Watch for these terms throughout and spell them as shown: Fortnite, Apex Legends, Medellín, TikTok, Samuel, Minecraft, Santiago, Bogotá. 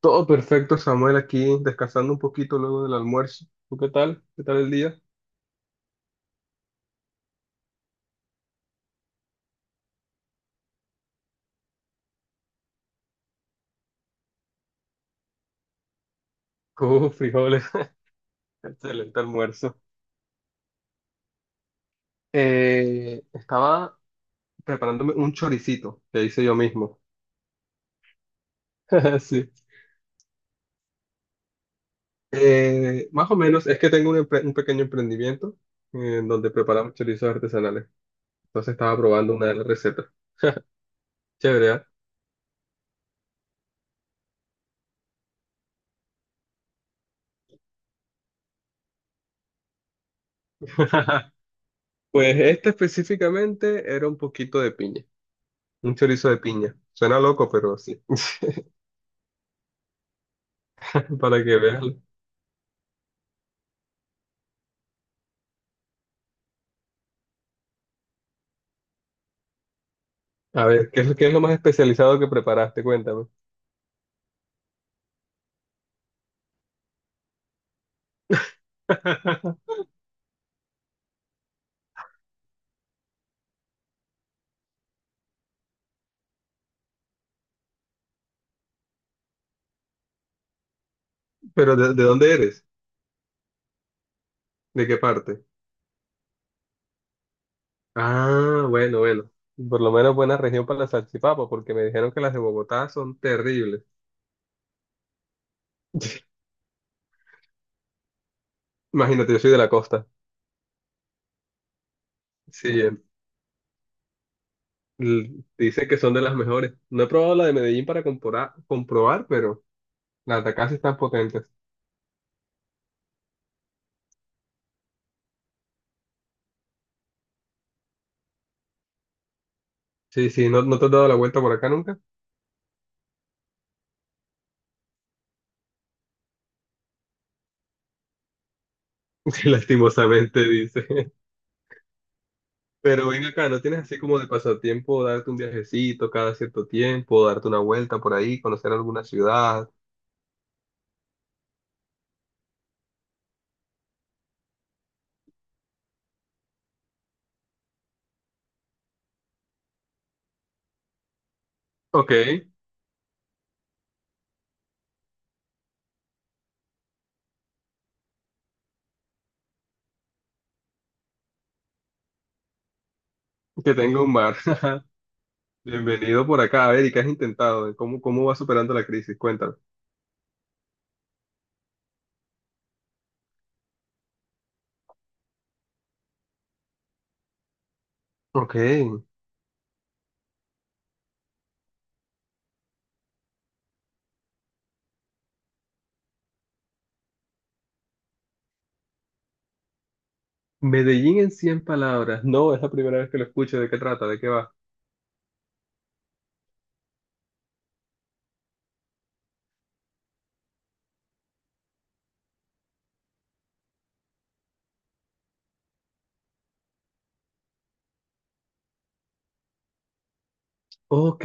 Todo perfecto, Samuel, aquí descansando un poquito luego del almuerzo. ¿Tú qué tal? ¿Qué tal el día? Frijoles. Excelente almuerzo. Estaba preparándome un choricito que hice yo mismo. Sí. Más o menos es que tengo un pequeño emprendimiento en donde preparamos chorizos artesanales. Entonces estaba probando una de las recetas. Chévere, ¿ah? Pues este específicamente era un poquito de piña, un chorizo de piña. Suena loco, pero sí, para que veas. A ver, qué es lo más especializado que preparaste? Cuéntame. Pero de dónde eres? ¿De qué parte? Ah, bueno, bueno. Por lo menos buena región para las salchipapas, porque me dijeron que las de Bogotá son terribles. Imagínate, yo soy de la costa. Sí, dice que son de las mejores. No he probado la de Medellín para comprobar, pero las de acá sí están potentes. Sí, sí, no te has dado la vuelta por acá nunca? Sí, lastimosamente, dice. Pero ven acá, ¿no tienes así como de pasatiempo darte un viajecito cada cierto tiempo, darte una vuelta por ahí, conocer alguna ciudad? Ok, que tenga un mar. Bienvenido por acá. A ver, ¿y qué has intentado? ¿Cómo, cómo vas superando la crisis? Cuéntame. Ok, Medellín en cien palabras. No, es la primera vez que lo escucho. ¿De qué trata? ¿De qué va? Ok.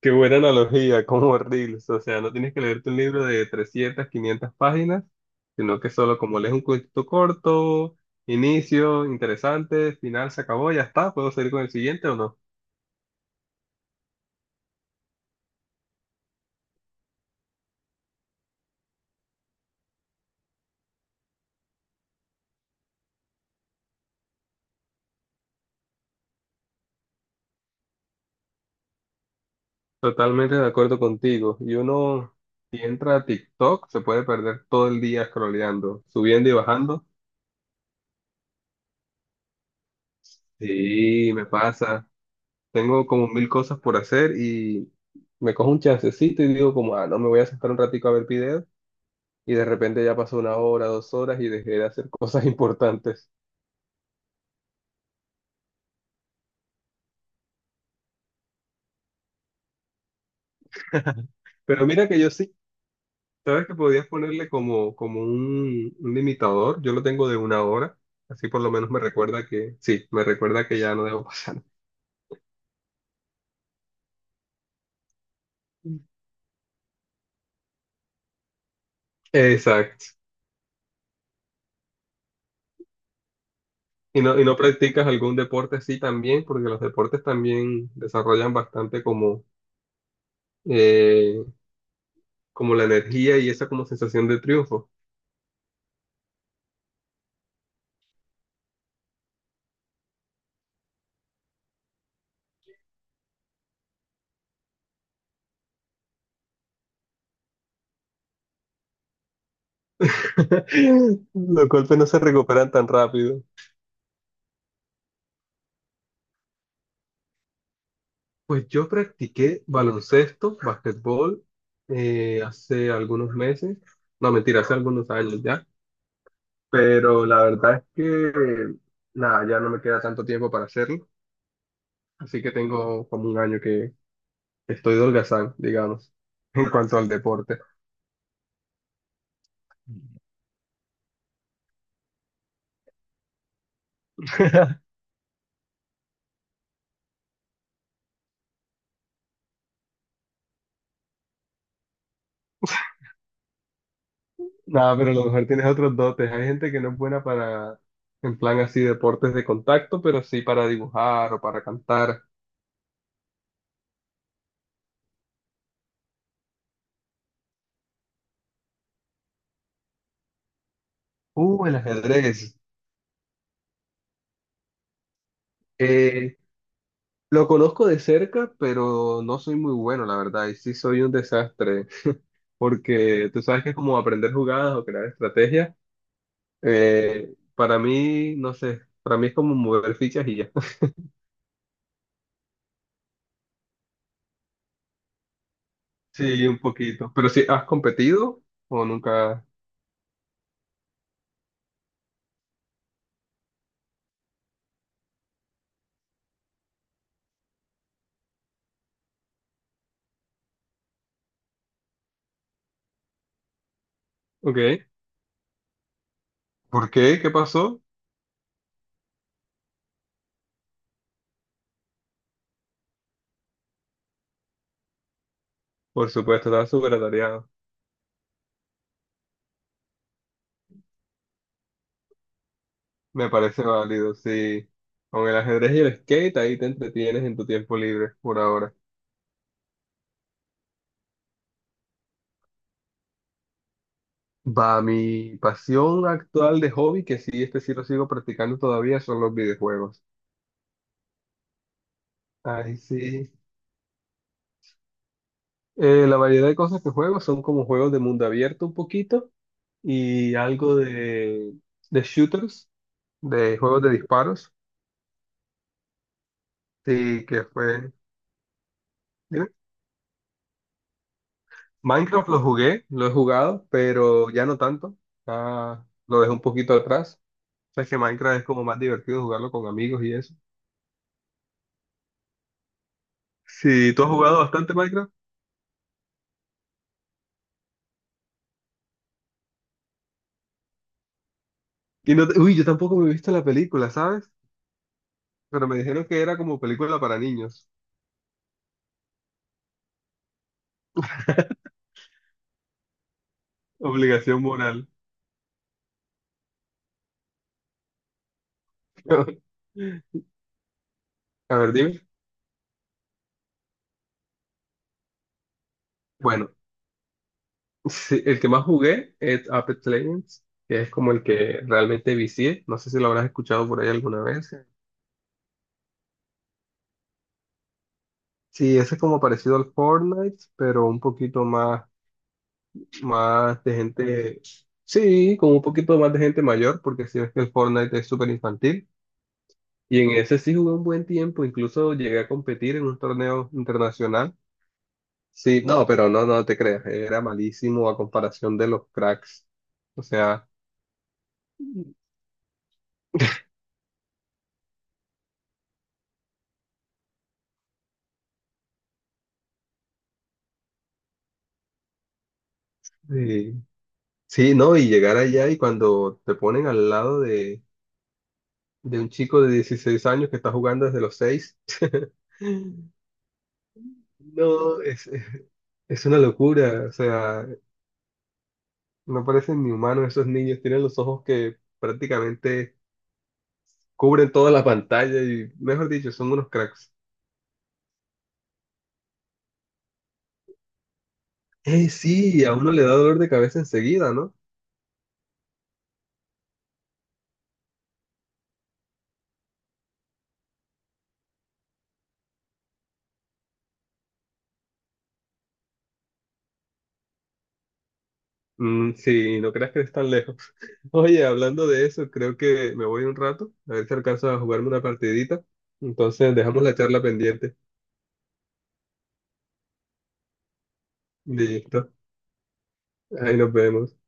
Qué buena analogía, como Reels. O sea, no tienes que leerte un libro de 300, 500 páginas, sino que solo como lees un cuento corto, inicio, interesante, final, se acabó, ya está, puedo seguir con el siguiente o no. Totalmente de acuerdo contigo. Y uno, si entra a TikTok, se puede perder todo el día scrolleando, subiendo y bajando. Sí, me pasa. Tengo como mil cosas por hacer y me cojo un chancecito y digo como, ah, no, me voy a sentar un ratico a ver videos y de repente ya pasó una hora, dos horas y dejé de hacer cosas importantes. Pero mira que yo sí, sabes que podías ponerle como, un limitador, yo lo tengo de una hora, así por lo menos me recuerda que, sí, me recuerda que ya no debo pasar. Exacto. Y no practicas algún deporte así también? Porque los deportes también desarrollan bastante como, eh, como la energía y esa como sensación de triunfo. Los golpes no se recuperan tan rápido. Pues yo practiqué baloncesto, basquetbol, hace algunos meses, no mentira, hace algunos años ya, pero la verdad es que nada, ya no me queda tanto tiempo para hacerlo, así que tengo como un año que estoy de holgazán, digamos, en cuanto al deporte. Nada, pero a lo mejor tienes otros dotes. Hay gente que no es buena para, en plan así, deportes de contacto, pero sí para dibujar o para cantar. El ajedrez. Eh, Lo conozco de cerca, pero no soy muy bueno, la verdad, y sí soy un desastre, porque tú sabes que es como aprender jugadas o crear estrategias. Para mí, no sé, para mí es como mover fichas y ya. Sí, un poquito. Pero sí, ¿has competido o nunca? Ok. ¿Por qué? ¿Qué pasó? Por supuesto, estaba súper atareado. Me parece válido, sí. Con el ajedrez y el skate, ahí te entretienes en tu tiempo libre por ahora. Va, mi pasión actual de hobby, que sí, este sí lo sigo practicando todavía, son los videojuegos. Ay, sí. La variedad de cosas que juego son como juegos de mundo abierto un poquito y algo de shooters, de juegos de disparos. Sí, que fue... Dime. Minecraft lo jugué, lo he jugado, pero ya no tanto. Ya lo dejé un poquito atrás. O sea, es que Minecraft es como más divertido jugarlo con amigos y eso. Sí, tú has jugado bastante Minecraft. Uy, yo tampoco me he visto la película, ¿sabes? Pero me dijeron que era como película para niños. Obligación moral. A ver, dime. Bueno, sí, el que más jugué es Apex Legends, que es como el que realmente vicié. No sé si lo habrás escuchado por ahí alguna vez. Sí, ese es como parecido al Fortnite, pero un poquito más, más de gente. Sí, como un poquito más de gente mayor, porque si ves que el Fortnite es súper infantil. Y en ese sí jugué un buen tiempo, incluso llegué a competir en un torneo internacional. Sí, no, pero no, no te creas, era malísimo a comparación de los cracks. O sea, eh, sí, no, y llegar allá y cuando te ponen al lado de un chico de 16 años que está jugando desde los 6, no, es una locura. O sea, no parecen ni humanos esos niños, tienen los ojos que prácticamente cubren toda la pantalla y, mejor dicho, son unos cracks. Sí, a uno le da dolor de cabeza enseguida, ¿no? Mm, sí, no creas que es tan lejos. Oye, hablando de eso, creo que me voy un rato, a ver si alcanzo a jugarme una partidita. Entonces, dejamos la charla pendiente. Listo, ahí nos vemos.